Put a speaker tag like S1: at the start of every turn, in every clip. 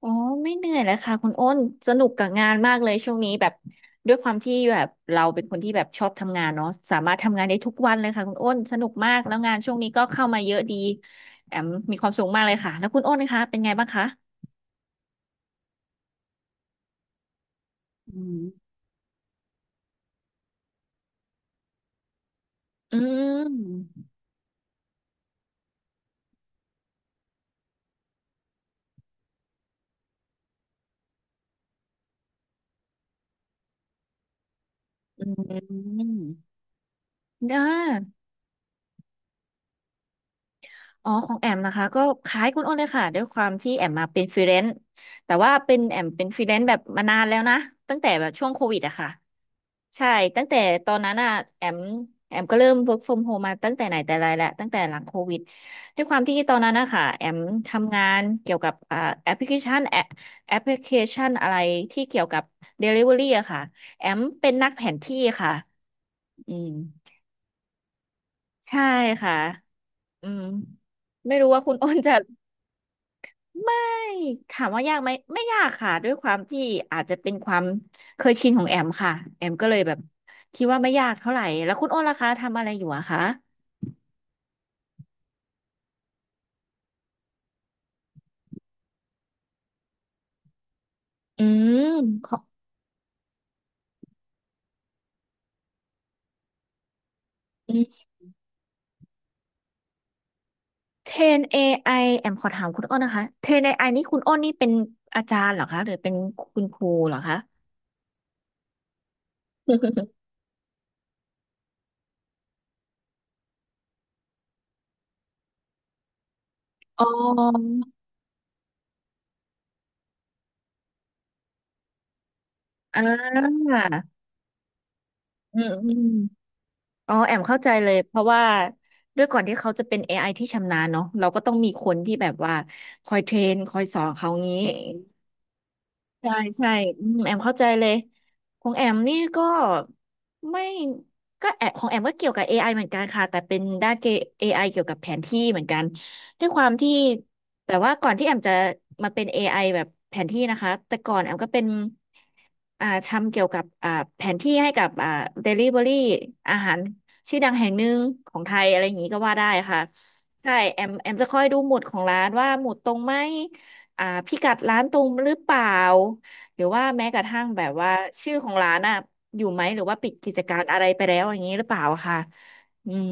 S1: อ๋อไม่เหนื่อยเลยค่ะคุณอ้นสนุกกับงานมากเลยช่วงนี้แบบด้วยความที่แบบเราเป็นคนที่แบบชอบทำงานเนาะสามารถทำงานได้ทุกวันเลยค่ะคุณอ้นสนุกมากแล้วงานช่วงนี้ก็เข้ามาเยอะดีแอมมีความสุขมากเลยค่ะแล้วคุณอ้นคะเป็นไงบ้างคะอืมอืมอืมได้ อ๋อของแอมนะคะก็คล้ายคุณอ้นเลยค่ะด้วยความที่แอมมาเป็นฟรีแลนซ์แต่ว่าเป็นแอมเป็นฟรีแลนซ์แบบมานานแล้วนะตั้งแต่แบบช่วงโควิดอะค่ะใช่ตั้งแต่ตอนนั้นอะแอมแอมก็เริ่ม work from home มาตั้งแต่ไหนแต่ไรแล้วตั้งแต่หลังโควิดด้วยความที่ตอนนั้นนะคะแอมทำงานเกี่ยวกับแอปพลิเคชันแอปแอปพลิเคชันอะไรที่เกี่ยวกับ Delivery อะค่ะแอมเป็นนักแผนที่ค่ะอืมใช่ค่ะอืมไม่รู้ว่าคุณอ้นจะ ไม่ถามว่ายากไหมไม่ยากค่ะด้วยความที่อาจจะเป็นความเคยชินของแอมค่ะแอมก็เลยแบบคิดว่าไม่ยากเท่าไหร่แล้วคุณโอ้นล่ะคะทำอะไรอยู่อะคะอืมขออืมเทรนเอไอแอมขอถามคุณโอ้นนะคะเทรนเอไอนี่คุณโอ้นนี่เป็นอาจารย์เหรอคะหรือเป็นคุณครูเหรอคะ อ๋ออ่าอืมอืม อ๋อแอมเข้าใจเลยเพราะว่าด้วยก่อนที่เขาจะเป็น AI ที่ชำนาญเนาะเราก็ต้องมีคนที่แบบว่าคอยเทรนคอยสอนเขางี้ ใช่ใช่อืมแอมเข้าใจเลยของแอมนี่ก็ไม่ก็แอบของแอมก็เกี่ยวกับ AI เหมือนกันค่ะแต่เป็นด้านเก AI เกี่ยวกับแผนที่เหมือนกันด้วยความที่แต่ว่าก่อนที่แอมจะมาเป็น AI แบบแผนที่นะคะแต่ก่อนแอมก็เป็นทำเกี่ยวกับแผนที่ให้กับDelivery อาหารชื่อดังแห่งหนึ่งของไทยอะไรอย่างนี้ก็ว่าได้ค่ะใช่แอมจะคอยดูหมุดของร้านว่าหมุดตรงไหม พิกัดร้านตรงหรือเปล่าหรือว่าแม้กระทั่งแบบว่าชื่อของร้านอ่ะอยู่ไหมหรือว่าปิดกิจการอะไรไปแล้วอย่างนี้หรือเปล่าค่ะอืม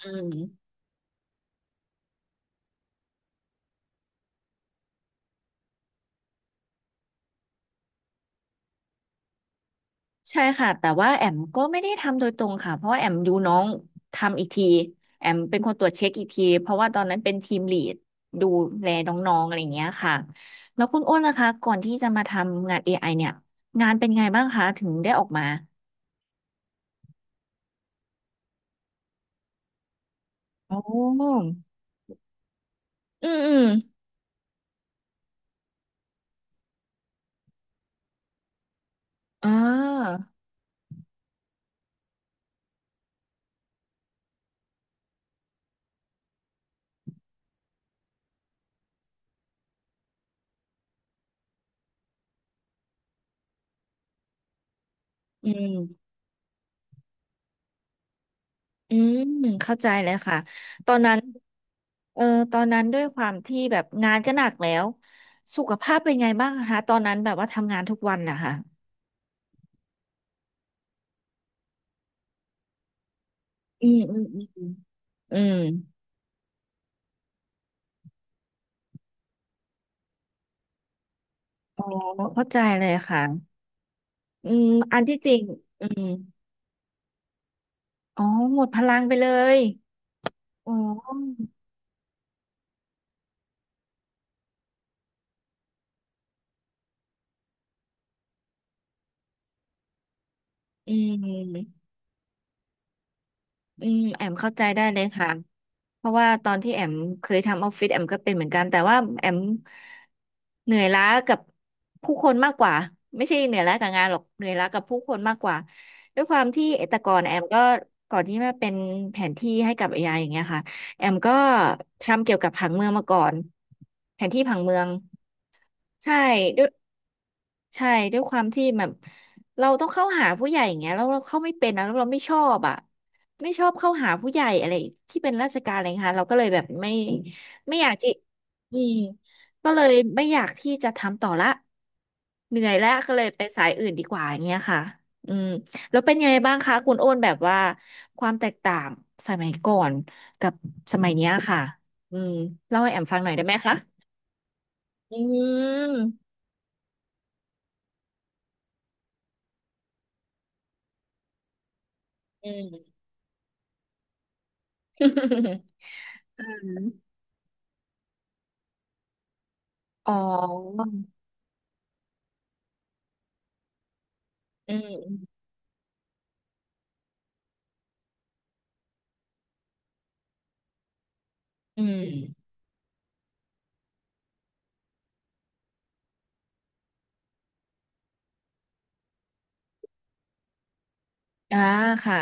S1: อืมใช่ค่ะแต่ว่าแอมก็ไม่ได้ทำโดยตรงค่ะเพราะว่าแอมดูน้องทำอีกทีแอมเป็นคนตรวจเช็คอีกทีเพราะว่าตอนนั้นเป็นทีมลีดดูแลน้องๆอะไรอย่างเงี้ยค่ะแล้วคุณอ้นล่ะคะก่อนที่จะมาทำงานเอไ i เนี่ยงานเป็นไงบ้างคะถึงได้ออกมาโอ้อืมอืมอ่าอืม อืมเข้าใจเลยค่ะตอนนั้นเออตอนนั้นด้วยความที่แบบงานก็หนักแล้วสุขภาพเป็นไงบ้างคะตอนนั้นแบบว่าทำงานทุกวันนะคะอืมอืมอืมอืมอ๋อเข้าใจเลยค่ะอืมอันที่จริงอืมอ๋อหมดพลังไปเลยอ๋ออืมแอมเข้าใจได้เลยค่ะ เพราะว่าตอนที่แอมเคยทำออฟฟิศแอมก็เป็นเหมือนกันแต่ว่าแอมเหนื่อยล้ากับผู้คนมากกว่าไม่ใช่เหนื่อยล้ากับงานหรอกเหนื่อยล้ากับผู้คนมากกว่าด้วยความที่แต่ก่อนแอมก็ก่อนที่มาเป็นแผนที่ให้กับ AI อไออย่างเงี้ยค่ะแอมก็ทำเกี่ยวกับผังเมืองมาก่อนแผนที่ผังเมือง ใช่ด้วยใช่ด้วยความที่แบบเราต้องเข้าหาผู้ใหญ่อย่างเงี้ยแล้วเราเข้าไม่เป็นนะแล้วเราไม่ชอบอ่ะไม่ชอบเข้าหาผู้ใหญ่อะไรที่เป็นราชการอะไรเงี้ยค่ะเราก็เลยแบบไม่ไม่อยากที่อืมก็เลยไม่อยากที่จะทำต่อละเหนื่อยแล้วก็เลยไปสายอื่นดีกว่าอย่างเงี้ยค่ะอืมแล้วเป็นยังไงบ้างคะคุณโอ้นแบบว่าความแตกต่างสมัยก่อนกับสมัยเนี้ยค่ะอืมเล่าให้แอมฟังหน่อยได้ไหมคะอืมอืม อืมอ๋ออืมอืมอ่าค่ะ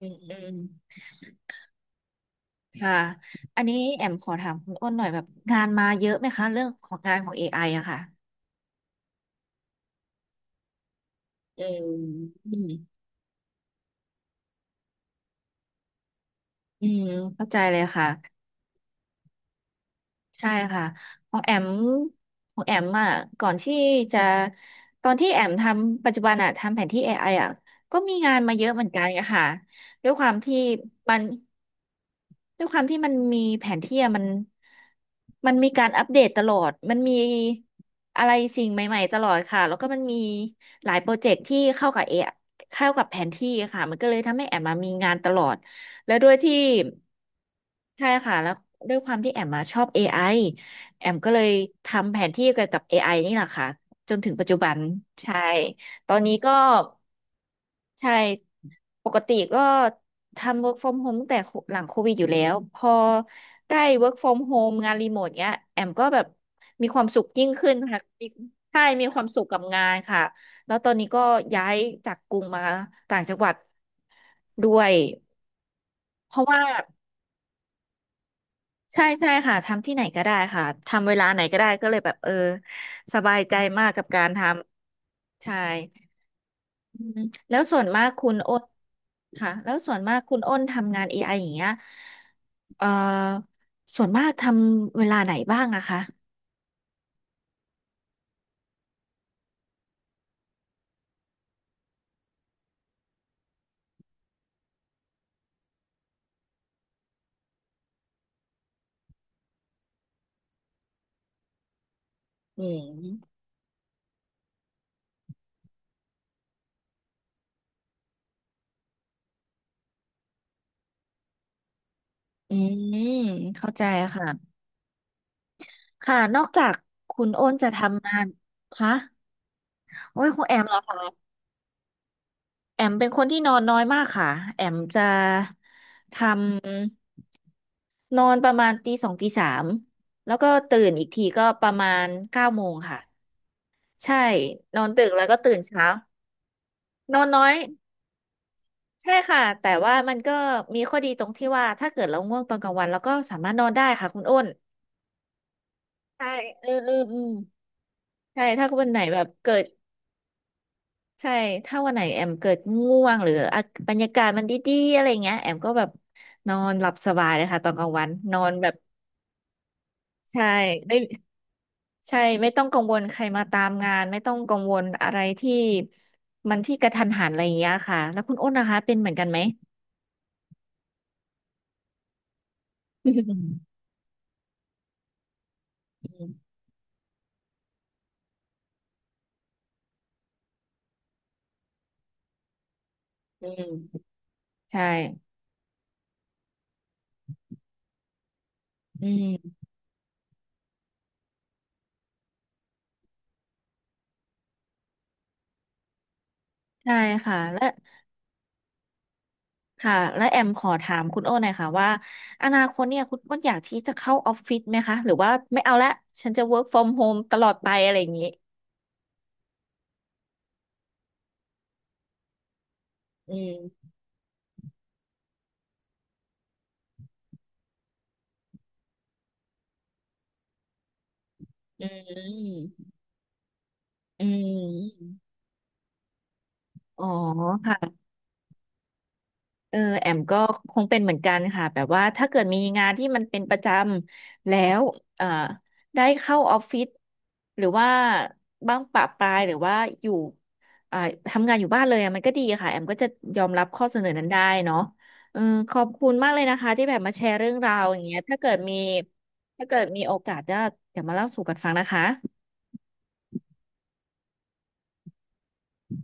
S1: อืมอืมค่ะอันนี้แอมขอถามคุณอ้นหน่อยแบบงานมาเยอะไหมคะเรื่องของงานของ AI อไออะค่ะอืมอืมอืมเข้าใจเลยค่ะใช่ค่ะของแอมของแอมอ่ะก่อนที่จะตอนที่แอมทำปัจจุบันอ่ะทำแผนที่ AI อไออ่ะก็มีงานมาเยอะเหมือนกันค่ะด้วยความที่มัน ด้วยความที่มันมีแผนที่อะมันมีการอัปเดตตลอด มันมีอะไรสิ่งใหม่ๆตลอดค่ะ แล้วก็มันมีหลายโปรเจกต์ที่เข้ากับเอเข้ากับแผนที่ค่ะมันก็เลยทำให้แอมมามีงานตลอด แล้วด้วยที่ใช่ค่ะแล้วด้วยความที่แอมมาชอบ AI แอมก็เลยทำแผนที่เกี่ยวกับ AI นี่แหละค่ะจนถึงปัจจุบันใช่ ตอนนี้ก็ใช่ปกติก็ทำ work from home ตั้งแต่หลังโควิดอยู่แล้วพอได้ work from home งานรีโมทเนี้ยแอมก็แบบมีความสุขยิ่งขึ้นค่ะมีใช่มีความสุขกับงานค่ะแล้วตอนนี้ก็ย้ายจากกรุงมาต่างจังหวัดด้วยเพราะว่าใช่ใช่ค่ะทำที่ไหนก็ได้ค่ะทำเวลาไหนก็ได้ก็เลยแบบเออสบายใจมากกับการทำใช่อืมแล้วส่วนมากคุณโอ้น ค่ะแล้วส่วนมากคุณอ้นทำงาน AI อไออย่างเงี้ยเอ่อส่วนมากทำเวลาไหนบ้างอะคะอืมอืมเข้าใจค่ะค่ะนอกจากคุณอ้นจะทำงานคะโอ้ยคุณแอมเหรอคะแอมเป็นคนที่นอนน้อยมากค่ะแอมจะทำนอนประมาณตีสองตีสามแล้วก็ตื่นอีกทีก็ประมาณเก้าโมงค่ะใช่นอนดึกแล้วก็ตื่นเช้านอนน้อย ใช่ค่ะแต่ว่ามันก็มีข้อดีตรงที่ว่าถ้าเกิดเราง่วงตอนกลางวันเราก็สามารถนอนได้ค่ะคุณอ้นใช่เอืมอออืมใช่ถ้าวันไหนแบบเกิดใช่ถ้าวันไหนแอมเกิดง่วงหรืออ่ะบรรยากาศมันดีๆอะไรเงี้ยแอมก็แบบนอนหลับสบายเลยค่ะตอนกลางวันนอนแบบใช่ไม่ใช่ไม่ต้องกังวลใครมาตามงานไม่ต้องกังวลอะไรที่มันที่กระทันหันอะไรอย่างเงี้ยค่ะแล้วคุณอ้นนะคะเป็นเหมือนกันไหมอืมอืมอืมใช่อืม ใช่ค่ะและค่ะและแอมขอถามคุณโอ้หน่อยค่ะว่าอนาคตเนี่ยคุณโอ้นอยากที่จะเข้าออฟฟิศไหมคะหรือว่าไม่เอาละฉันจะ work from home ตลอดไปอะไรอย่างนี้อืมอืมอืมอ๋อค่ะ เออแอมก็คงเป็นเหมือนกันค่ะแบบว่าถ้าเกิดมีงานที่มันเป็นประจำแล้วเอ่อได้เข้าออฟฟิศหรือว่าบ้างปะปลายหรือว่าอยู่อ่าทำงานอยู่บ้านเลยอะมันก็ดีค่ะแอมก็จะยอมรับข้อเสนอนั้นได้เนาะเออขอบคุณมากเลยนะคะที่แบบมาแชร์เรื่องราวอย่างเงี้ยถ้าเกิดมีโอกาสจะเดี๋ยวมาเล่าสู่กันฟังนะคะ